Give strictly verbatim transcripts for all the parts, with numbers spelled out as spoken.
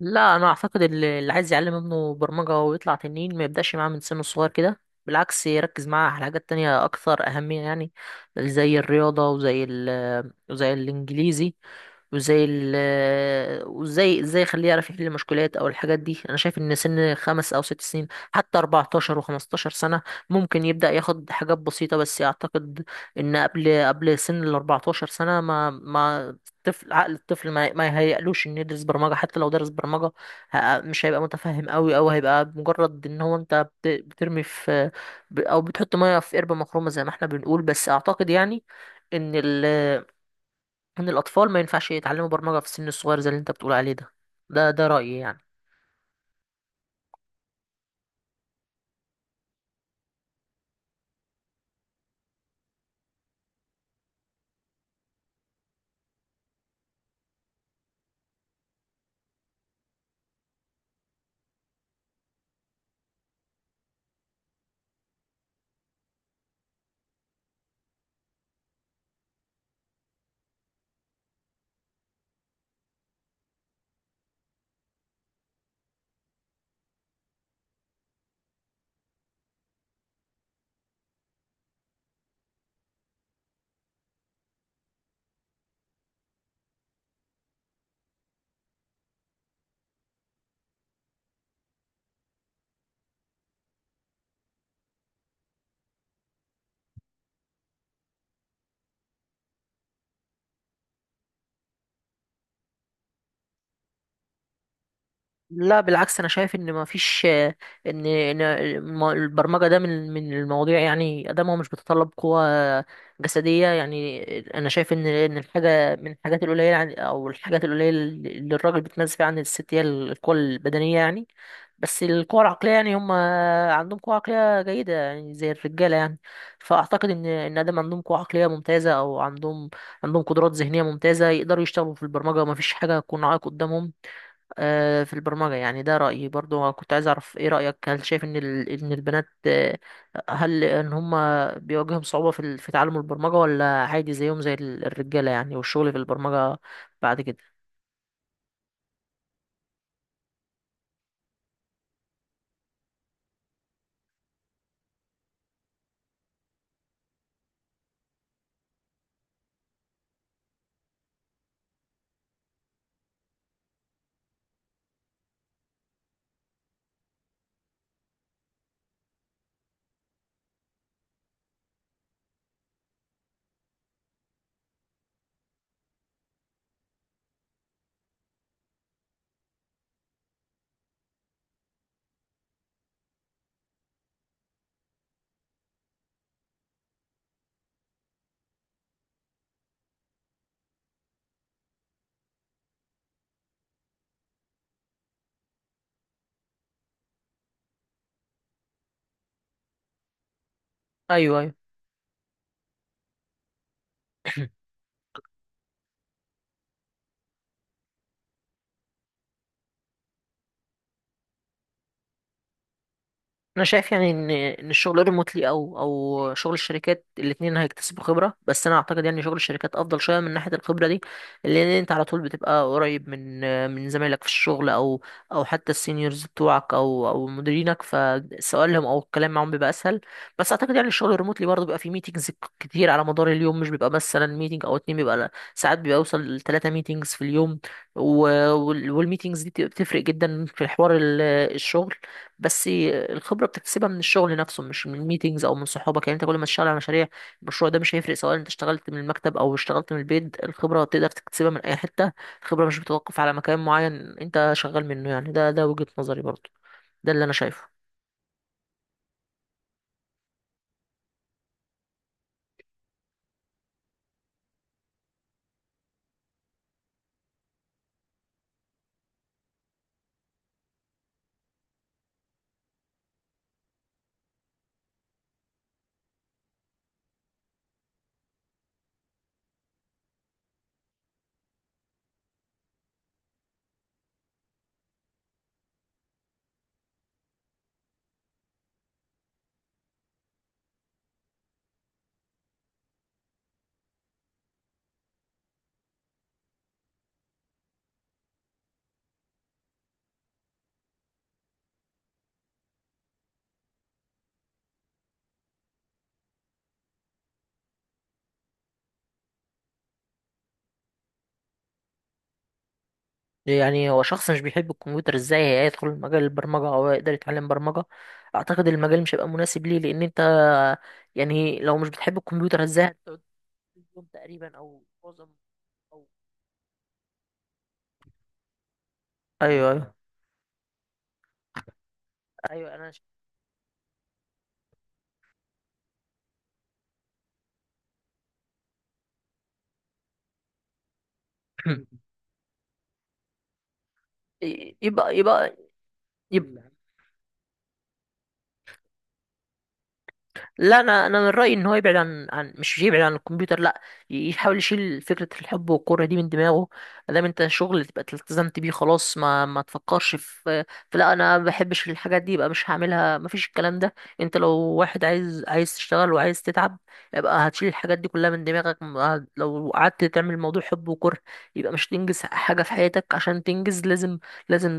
لا، انا اعتقد اللي اللي عايز يعلم ابنه برمجة ويطلع تنين ما يبدأش معاه من سنه الصغير كده. بالعكس، يركز معاه على حاجات تانية اكثر اهمية يعني، زي الرياضة، وزي ال وزي الانجليزي، وزي ال وزي ازاي يخليه يعرف يحل مشكلات او الحاجات دي. انا شايف ان سن خمس او ست سنين حتى اربعتاشر و15 سنة ممكن يبدأ ياخد حاجات بسيطة، بس اعتقد ان قبل قبل سن ال اربعتاشر سنة ما ما الطفل، عقل الطفل ما ما يهيألوش انه يدرس برمجة. حتى لو درس برمجة، ه- مش هيبقى متفهم قوي، او هيبقى مجرد ان هو انت بت- بترمي في، ب- او بتحط مية في قربة مخرومة زي ما احنا بنقول. بس اعتقد يعني ان ال ان الاطفال ما ينفعش يتعلموا برمجة في السن الصغير زي اللي انت بتقول عليه ده. ده ده رأيي يعني. لا، بالعكس، انا شايف ان ما فيش، ان ان الم- البرمجه ده من من المواضيع يعني ادامها مش بتتطلب قوه جسديه يعني. انا شايف ان ان الحاجه من الحاجات القليله عن- او الحاجات القليله اللي الراجل بيتميز فيها عن الست هي القوه البدنيه يعني. بس القوه العقليه يعني هم عندهم قوه عقليه جيده يعني زي الرجاله يعني. فاعتقد ان ان ادام عندهم قوه عقليه ممتازه، او عندهم عندهم قدرات ذهنيه ممتازه، يقدروا يشتغلوا في البرمجه وما فيش حاجه تكون عائق قدامهم آه، في البرمجة يعني. ده رأيي. برضو كنت عايز أعرف إيه رأيك، هل شايف إن ال... إن البنات، آه، هل إن هما بيواجههم صعوبة في ال- في تعلم البرمجة، ولا عادي زيهم زي ال- الرجالة يعني، والشغل في البرمجة بعد كده؟ أيوه، أيوه، انا شايف يعني ان ان الشغل ريموتلي او او شغل الشركات، الاثنين هيكتسبوا خبره. بس انا اعتقد يعني شغل الشركات افضل شويه من ناحيه الخبره دي، لان انت على طول بتبقى قريب من من زمايلك في الشغل، او او حتى السينيورز بتوعك او او مديرينك، فسؤالهم او الكلام معاهم بيبقى اسهل. بس اعتقد يعني الشغل الريموتلي برضه بيبقى فيه ميتينجز كتير على مدار اليوم. مش بيبقى مثلا ميتينج او اتنين، بيبقى ساعات، بيوصل لثلاثه ميتينجز في اليوم. و- وال- والميتينجز دي بتبقى بتفرق جدا في حوار ال- الشغل. بس الخبره بتكتسبها من الشغل نفسه، مش من ميتينجز او من صحابك. يعني انت كل ما تشتغل على مشاريع، المشروع ده مش هيفرق سواء انت اشتغلت من المكتب او اشتغلت من البيت. الخبره تقدر تكتسبها من اي حته. الخبره مش بتتوقف على مكان معين انت شغال منه يعني. ده ده وجهه نظري برضه. ده اللي انا شايفه. يعني هو شخص مش بيحب الكمبيوتر، ازاي هيدخل مجال البرمجه او يقدر يتعلم برمجه؟ اعتقد المجال مش هيبقى مناسب ليه، لان انت يعني لو مش بتحب الكمبيوتر، ازاي هتقعد طول اليوم تقريبا او معظم، او ايوه، ايوه، ايوه، انا شايف يبقى يبقى يبقى لا، انا انا من رايي ان هو يبعد عن، عن مش يبعد عن الكمبيوتر لا. يحاول يشيل فكره الحب والكره دي من دماغه. ما دام انت شغل تبقى التزمت بيه، خلاص، ما ما تفكرش في، في لا انا ما بحبش الحاجات دي يبقى مش هعملها. ما فيش الكلام ده. انت لو واحد عايز، عايز تشتغل وعايز تتعب، يبقى هتشيل الحاجات دي كلها من دماغك. ما- لو قعدت تعمل موضوع حب وكره، يبقى مش تنجز حاجه في حياتك. عشان تنجز لازم، لازم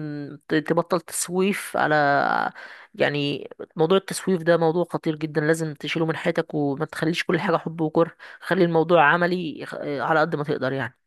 ت- تبطل تسويف على يعني. موضوع التسويف ده موضوع خطير جدا، لازم تشيله من حياتك وما تخليش كل حاجة حب وكره. خلي الموضوع عملي، خ- على قد ما تقدر يعني.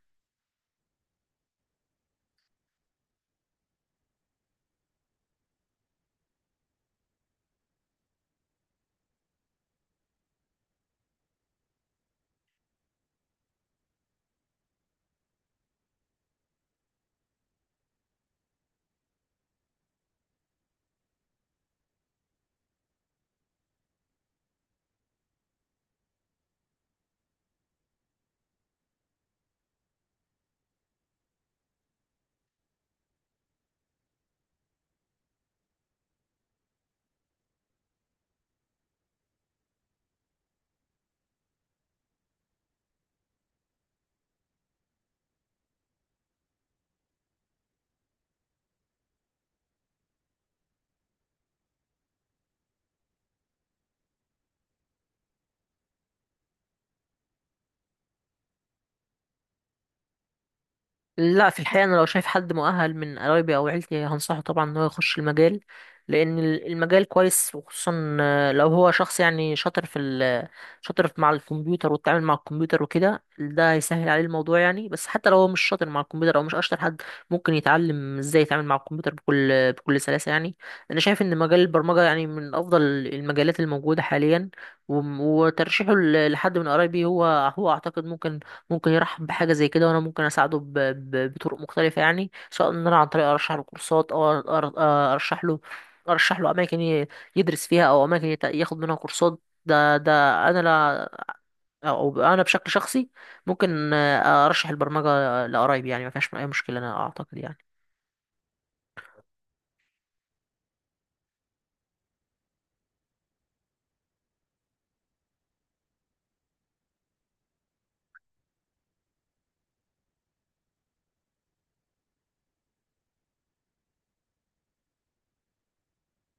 لا، في الحقيقة أنا لو شايف حد مؤهل من قرايبي أو عيلتي هنصحه طبعا إن هو يخش المجال، لأن ال- المجال كويس. وخصوصا آه، لو هو شخص يعني شاطر في ال شاطر في- مع الكمبيوتر والتعامل مع الكمبيوتر وكده، ده هيسهل عليه الموضوع يعني. بس حتى لو هو مش شاطر مع الكمبيوتر، أو مش أشطر حد، ممكن يتعلم إزاي يتعامل مع الكمبيوتر بكل بكل سلاسة يعني. أنا شايف إن مجال البرمجة يعني من أفضل المجالات الموجودة حاليا. وم- وترشيحه ل- لحد من قرايبي هو، هو أعتقد ممكن، ممكن يرحب بحاجة زي كده. وأنا ممكن أساعده ب... ب... بطرق مختلفة يعني، سواء إن أنا عن طريق أرشح له كورسات، أو أر... آه، أرشح له أرشح له أماكن ي- يدرس فيها، أو أماكن يت... ياخد منها كورسات. ده ده أنا لا، أو أنا بشكل شخصي ممكن آه، أرشح البرمجة لقرايبي. يعني ما فيهاش أي مشكلة أنا أعتقد يعني.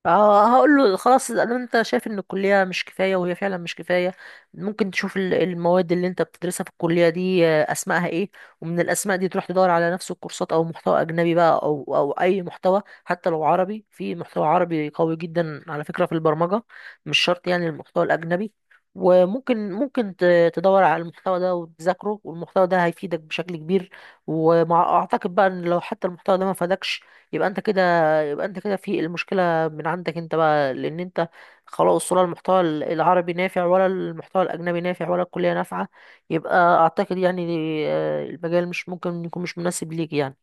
اه، هقول له خلاص، ده انت شايف ان الكليه مش كفايه، وهي فعلا مش كفايه. ممكن تشوف ال- المواد اللي انت بتدرسها في الكليه دي آه، اسمائها ايه، ومن الاسماء دي تروح تدور على نفس الكورسات او محتوى اجنبي بقى، او او اي محتوى. حتى لو عربي، في محتوى عربي قوي جدا على فكره في البرمجه، مش شرط يعني المحتوى الاجنبي. وممكن، ممكن ت- تدور على المحتوى ده وتذاكره، والمحتوى ده هيفيدك بشكل كبير. ومع اعتقد بقى ان لو حتى المحتوى ده ما فادكش، يبقى انت كده، يبقى انت كده في المشكله من عندك انت بقى. لان انت خلاص، ولا المحتوى ال- العربي نافع، ولا المحتوى الاجنبي نافع، ولا الكلية نافعة، يبقى اعتقد يعني آه، المجال مش ممكن، يكون مش مناسب ليك يعني.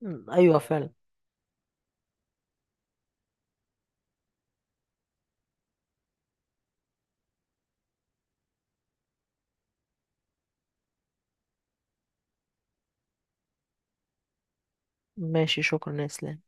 م، ايوه فعلا. ماشي، شكرا يا اسلام.